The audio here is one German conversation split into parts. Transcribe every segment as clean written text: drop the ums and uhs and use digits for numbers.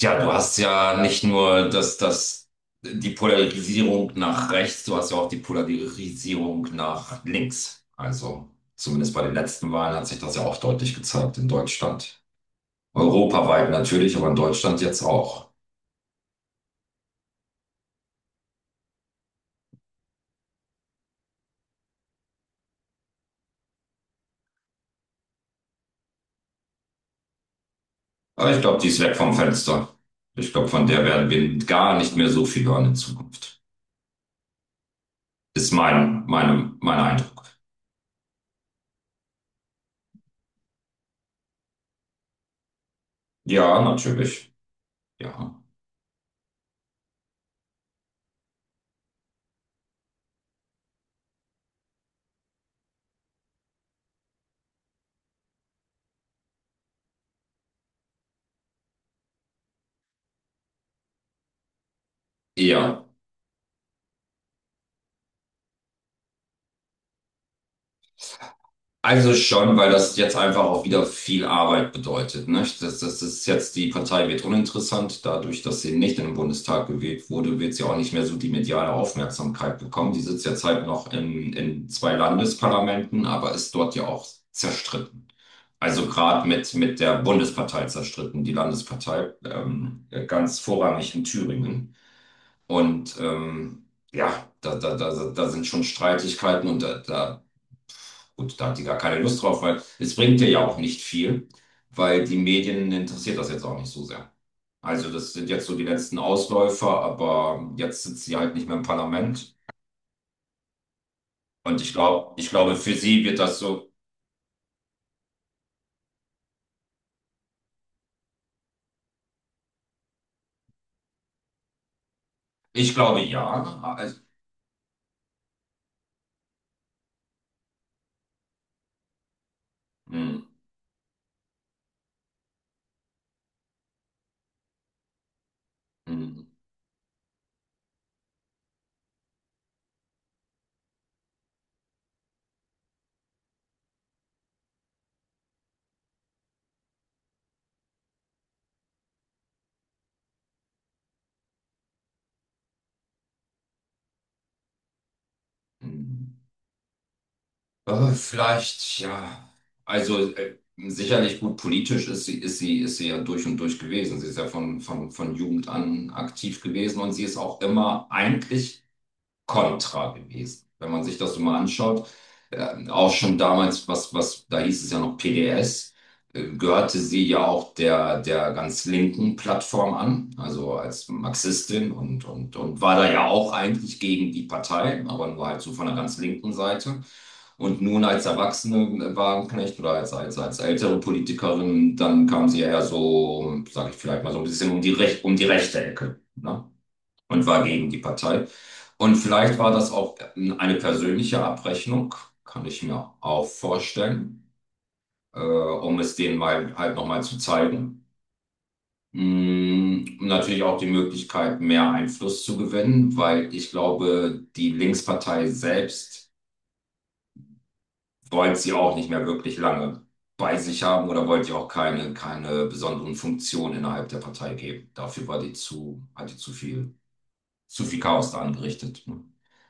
Ja, du hast ja nicht nur die Polarisierung nach rechts, du hast ja auch die Polarisierung nach links. Also zumindest bei den letzten Wahlen hat sich das ja auch deutlich gezeigt in Deutschland. Europaweit natürlich, aber in Deutschland jetzt auch. Aber ich glaube, die ist weg vom Fenster. Ich glaube, von der werden wir gar nicht mehr so viel hören in Zukunft. Ist mein Eindruck. Ja, natürlich. Ja. Ja. Also schon, weil das jetzt einfach auch wieder viel Arbeit bedeutet, ne? Das ist jetzt, die Partei wird uninteressant. Dadurch, dass sie nicht in den Bundestag gewählt wurde, wird sie auch nicht mehr so die mediale Aufmerksamkeit bekommen. Die sitzt jetzt halt noch in zwei Landesparlamenten, aber ist dort ja auch zerstritten. Also gerade mit der Bundespartei zerstritten, die Landespartei, ganz vorrangig in Thüringen. Und ja, da sind schon Streitigkeiten und da. Gut, da hat sie gar keine Lust drauf, weil es bringt ihr ja auch nicht viel, weil die Medien interessiert das jetzt auch nicht so sehr. Also das sind jetzt so die letzten Ausläufer, aber jetzt sitzt sie halt nicht mehr im Parlament. Und ich glaube, für sie wird das so, ich glaube ja. Also, hm, hm, hm. Vielleicht, ja. Also sicherlich gut politisch ist sie ja durch und durch gewesen. Sie ist ja von Jugend an aktiv gewesen und sie ist auch immer eigentlich kontra gewesen. Wenn man sich das so mal anschaut, auch schon damals, da hieß es ja noch PDS, gehörte sie ja auch der ganz linken Plattform an, also als Marxistin und war da ja auch eigentlich gegen die Partei, aber nur halt so von der ganz linken Seite. Und nun als Erwachsene Wagenknecht oder als ältere Politikerin, dann kam sie ja eher so, sage ich vielleicht mal so ein bisschen um die Rech um die rechte Ecke. Ne? Und war gegen die Partei. Und vielleicht war das auch eine persönliche Abrechnung, kann ich mir auch vorstellen, um es denen mal halt nochmal zu zeigen. Und natürlich auch die Möglichkeit, mehr Einfluss zu gewinnen, weil ich glaube, die Linkspartei selbst wollte sie auch nicht mehr wirklich lange bei sich haben oder wollte ihr auch keine besonderen Funktionen innerhalb der Partei geben. Dafür war hatte zu viel zu viel Chaos da angerichtet. Ne?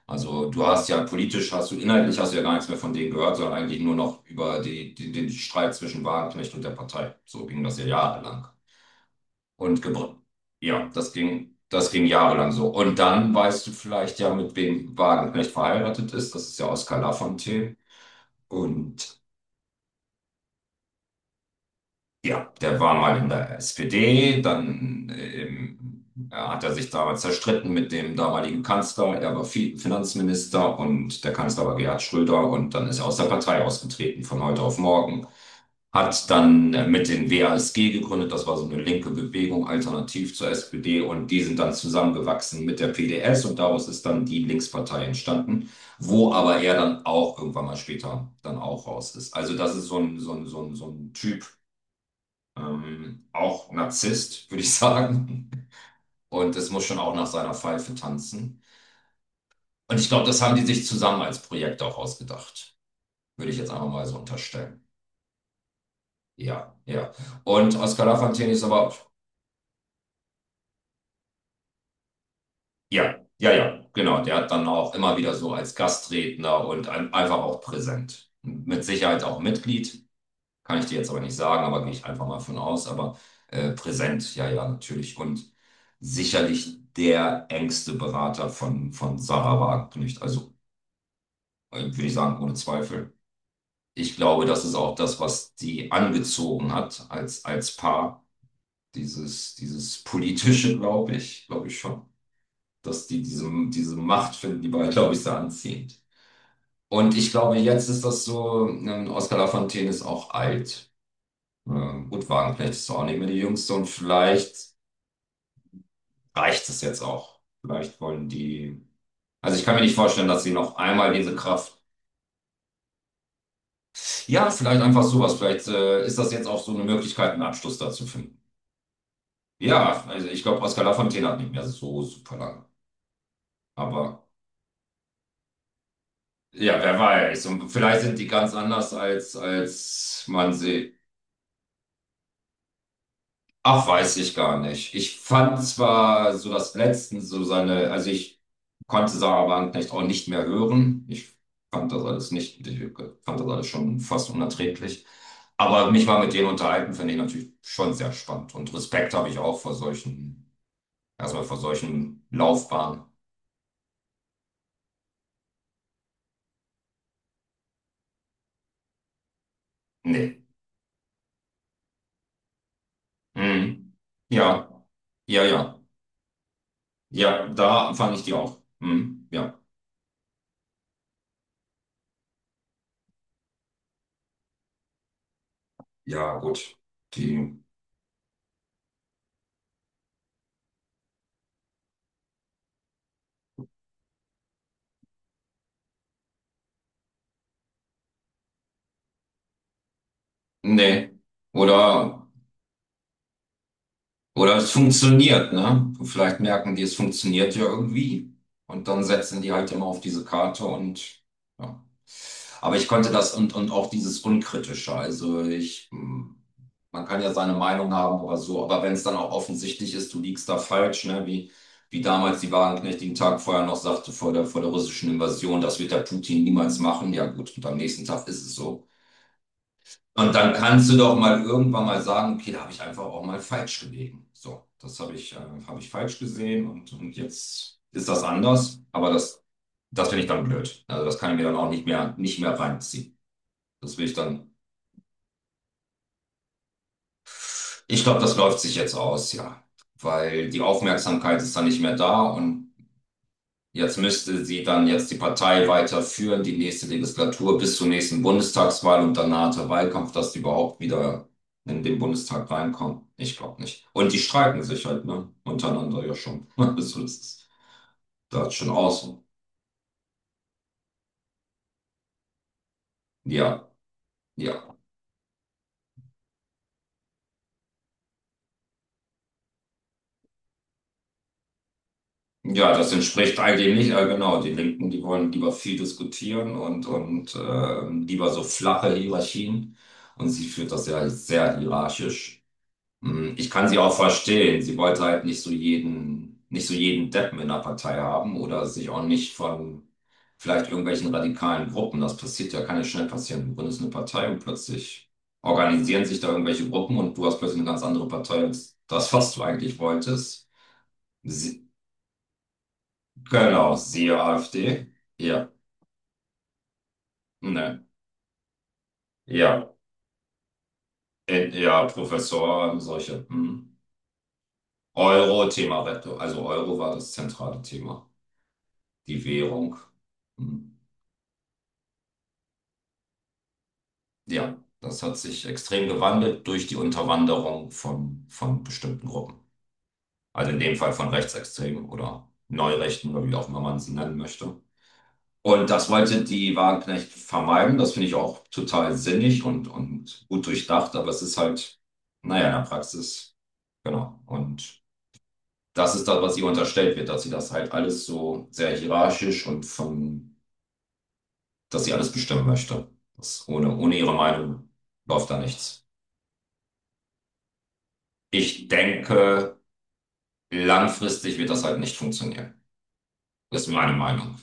Also du hast ja politisch, hast du inhaltlich hast du ja gar nichts mehr von denen gehört, sondern eigentlich nur noch über den Streit zwischen Wagenknecht und der Partei. So ging das ja jahrelang. Und das ging jahrelang so. Und dann weißt du vielleicht ja, mit wem Wagenknecht verheiratet ist. Das ist ja Oskar Lafontaine. Und ja, der war mal in der SPD, dann er hat er sich damals zerstritten mit dem damaligen Kanzler. Er war Finanzminister und der Kanzler war Gerhard Schröder und dann ist er aus der Partei ausgetreten von heute auf morgen. Hat dann mit den WASG gegründet, das war so eine linke Bewegung, alternativ zur SPD und die sind dann zusammengewachsen mit der PDS und daraus ist dann die Linkspartei entstanden, wo aber er dann auch irgendwann mal später dann auch raus ist. Also das ist so ein Typ, auch Narzisst, würde ich sagen. Und es muss schon auch nach seiner Pfeife tanzen. Und ich glaube, das haben die sich zusammen als Projekt auch ausgedacht. Würde ich jetzt einfach mal so unterstellen. Ja, ja. Und Oscar Lafontaine ist aber, ja, genau. Der hat dann auch immer wieder so als Gastredner und einfach auch präsent. Mit Sicherheit auch Mitglied. Kann ich dir jetzt aber nicht sagen, aber gehe ich einfach mal von aus. Aber präsent, ja, ja, natürlich. Und sicherlich der engste Berater von Sarah Wagenknecht. Also würde ich sagen, ohne Zweifel. Ich glaube, das ist auch das, was die angezogen hat als Paar. Dieses politische, glaube ich schon. Dass die diese Macht finden, die beide, glaube ich, sehr anziehend. Und ich glaube, jetzt ist das so, Oscar Lafontaine ist auch alt. Gut, Wagenknecht ist auch nicht mehr die Jüngste und vielleicht reicht es jetzt auch. Vielleicht wollen die. Also ich kann mir nicht vorstellen, dass sie noch einmal diese Kraft. Ja, vielleicht einfach sowas. Vielleicht ist das jetzt auch so eine Möglichkeit, einen Abschluss da zu finden. Ja, also ich glaube, Oscar Lafontaine hat nicht mehr so super lange. Aber ja, wer weiß. Und vielleicht sind die ganz anders, als man sie ach, weiß ich gar nicht. Ich fand zwar so das Letzten so seine, also ich konnte Sarah Wagenknecht auch nicht mehr hören. Ich fand das alles nicht, ich fand das alles schon fast unerträglich. Aber mich mal mit denen unterhalten, finde ich natürlich schon sehr spannend. Und Respekt habe ich auch vor solchen, erstmal vor solchen Laufbahnen. Nee. Mhm. Ja, ja. Ja, da fand ich die auch. Mhm. Ja. Ja, gut. Die. Nee. Oder. Oder es funktioniert, ne? Vielleicht merken die, es funktioniert ja irgendwie. Und dann setzen die halt immer auf diese Karte und ja. Aber ich konnte das und auch dieses Unkritische. Also ich, man kann ja seine Meinung haben oder so, aber wenn es dann auch offensichtlich ist, du liegst da falsch, ne? Wie damals die Wagenknecht den Tag vorher noch sagte vor der russischen Invasion, das wird der Putin niemals machen. Ja gut, und am nächsten Tag ist es so. Und dann kannst du doch mal irgendwann mal sagen, okay, da habe ich einfach auch mal falsch gelegen. So, das habe ich falsch gesehen und jetzt ist das anders. Aber das finde ich dann blöd. Also das kann ich mir dann auch nicht mehr reinziehen. Das will ich dann. Ich glaube, das läuft sich jetzt aus, ja. Weil die Aufmerksamkeit ist dann nicht mehr da und jetzt müsste sie dann jetzt die Partei weiterführen, die nächste Legislatur bis zur nächsten Bundestagswahl und danach der Wahlkampf, dass die überhaupt wieder in den Bundestag reinkommen. Ich glaube nicht. Und die streiken sich halt, ne? Untereinander ja schon. Also das ist schon aus. Ja, ja. Ja, das entspricht eigentlich nicht, genau. Die Linken, die wollen lieber viel diskutieren und lieber so flache Hierarchien. Und sie führt das ja sehr hierarchisch. Hm, ich kann sie auch verstehen. Sie wollte halt nicht so jeden, nicht so jeden Deppen in der Partei haben oder sich auch nicht von vielleicht irgendwelchen radikalen Gruppen. Das passiert ja, kann ja schnell passieren. Du gründest eine Partei und plötzlich organisieren sich da irgendwelche Gruppen und du hast plötzlich eine ganz andere Partei als das, was du eigentlich wolltest. Sie, genau, siehe AfD. Ja, ne, ja, ja, Professor, solche. Hm. Euro-Thema, also Euro war das zentrale Thema. Die Währung. Hm. Ja, das hat sich extrem gewandelt durch die Unterwanderung von bestimmten Gruppen. Also in dem Fall von Rechtsextremen oder Neurechten oder wie auch immer man sie nennen möchte. Und das wollte die Wagenknecht vermeiden. Das finde ich auch total sinnig und gut durchdacht, aber es ist halt, naja, in der Praxis, genau. Und das ist das, was ihr unterstellt wird, dass sie das halt alles so sehr hierarchisch und von, dass sie alles bestimmen möchte. Das ohne ihre Meinung läuft da nichts. Ich denke, langfristig wird das halt nicht funktionieren. Das ist meine Meinung.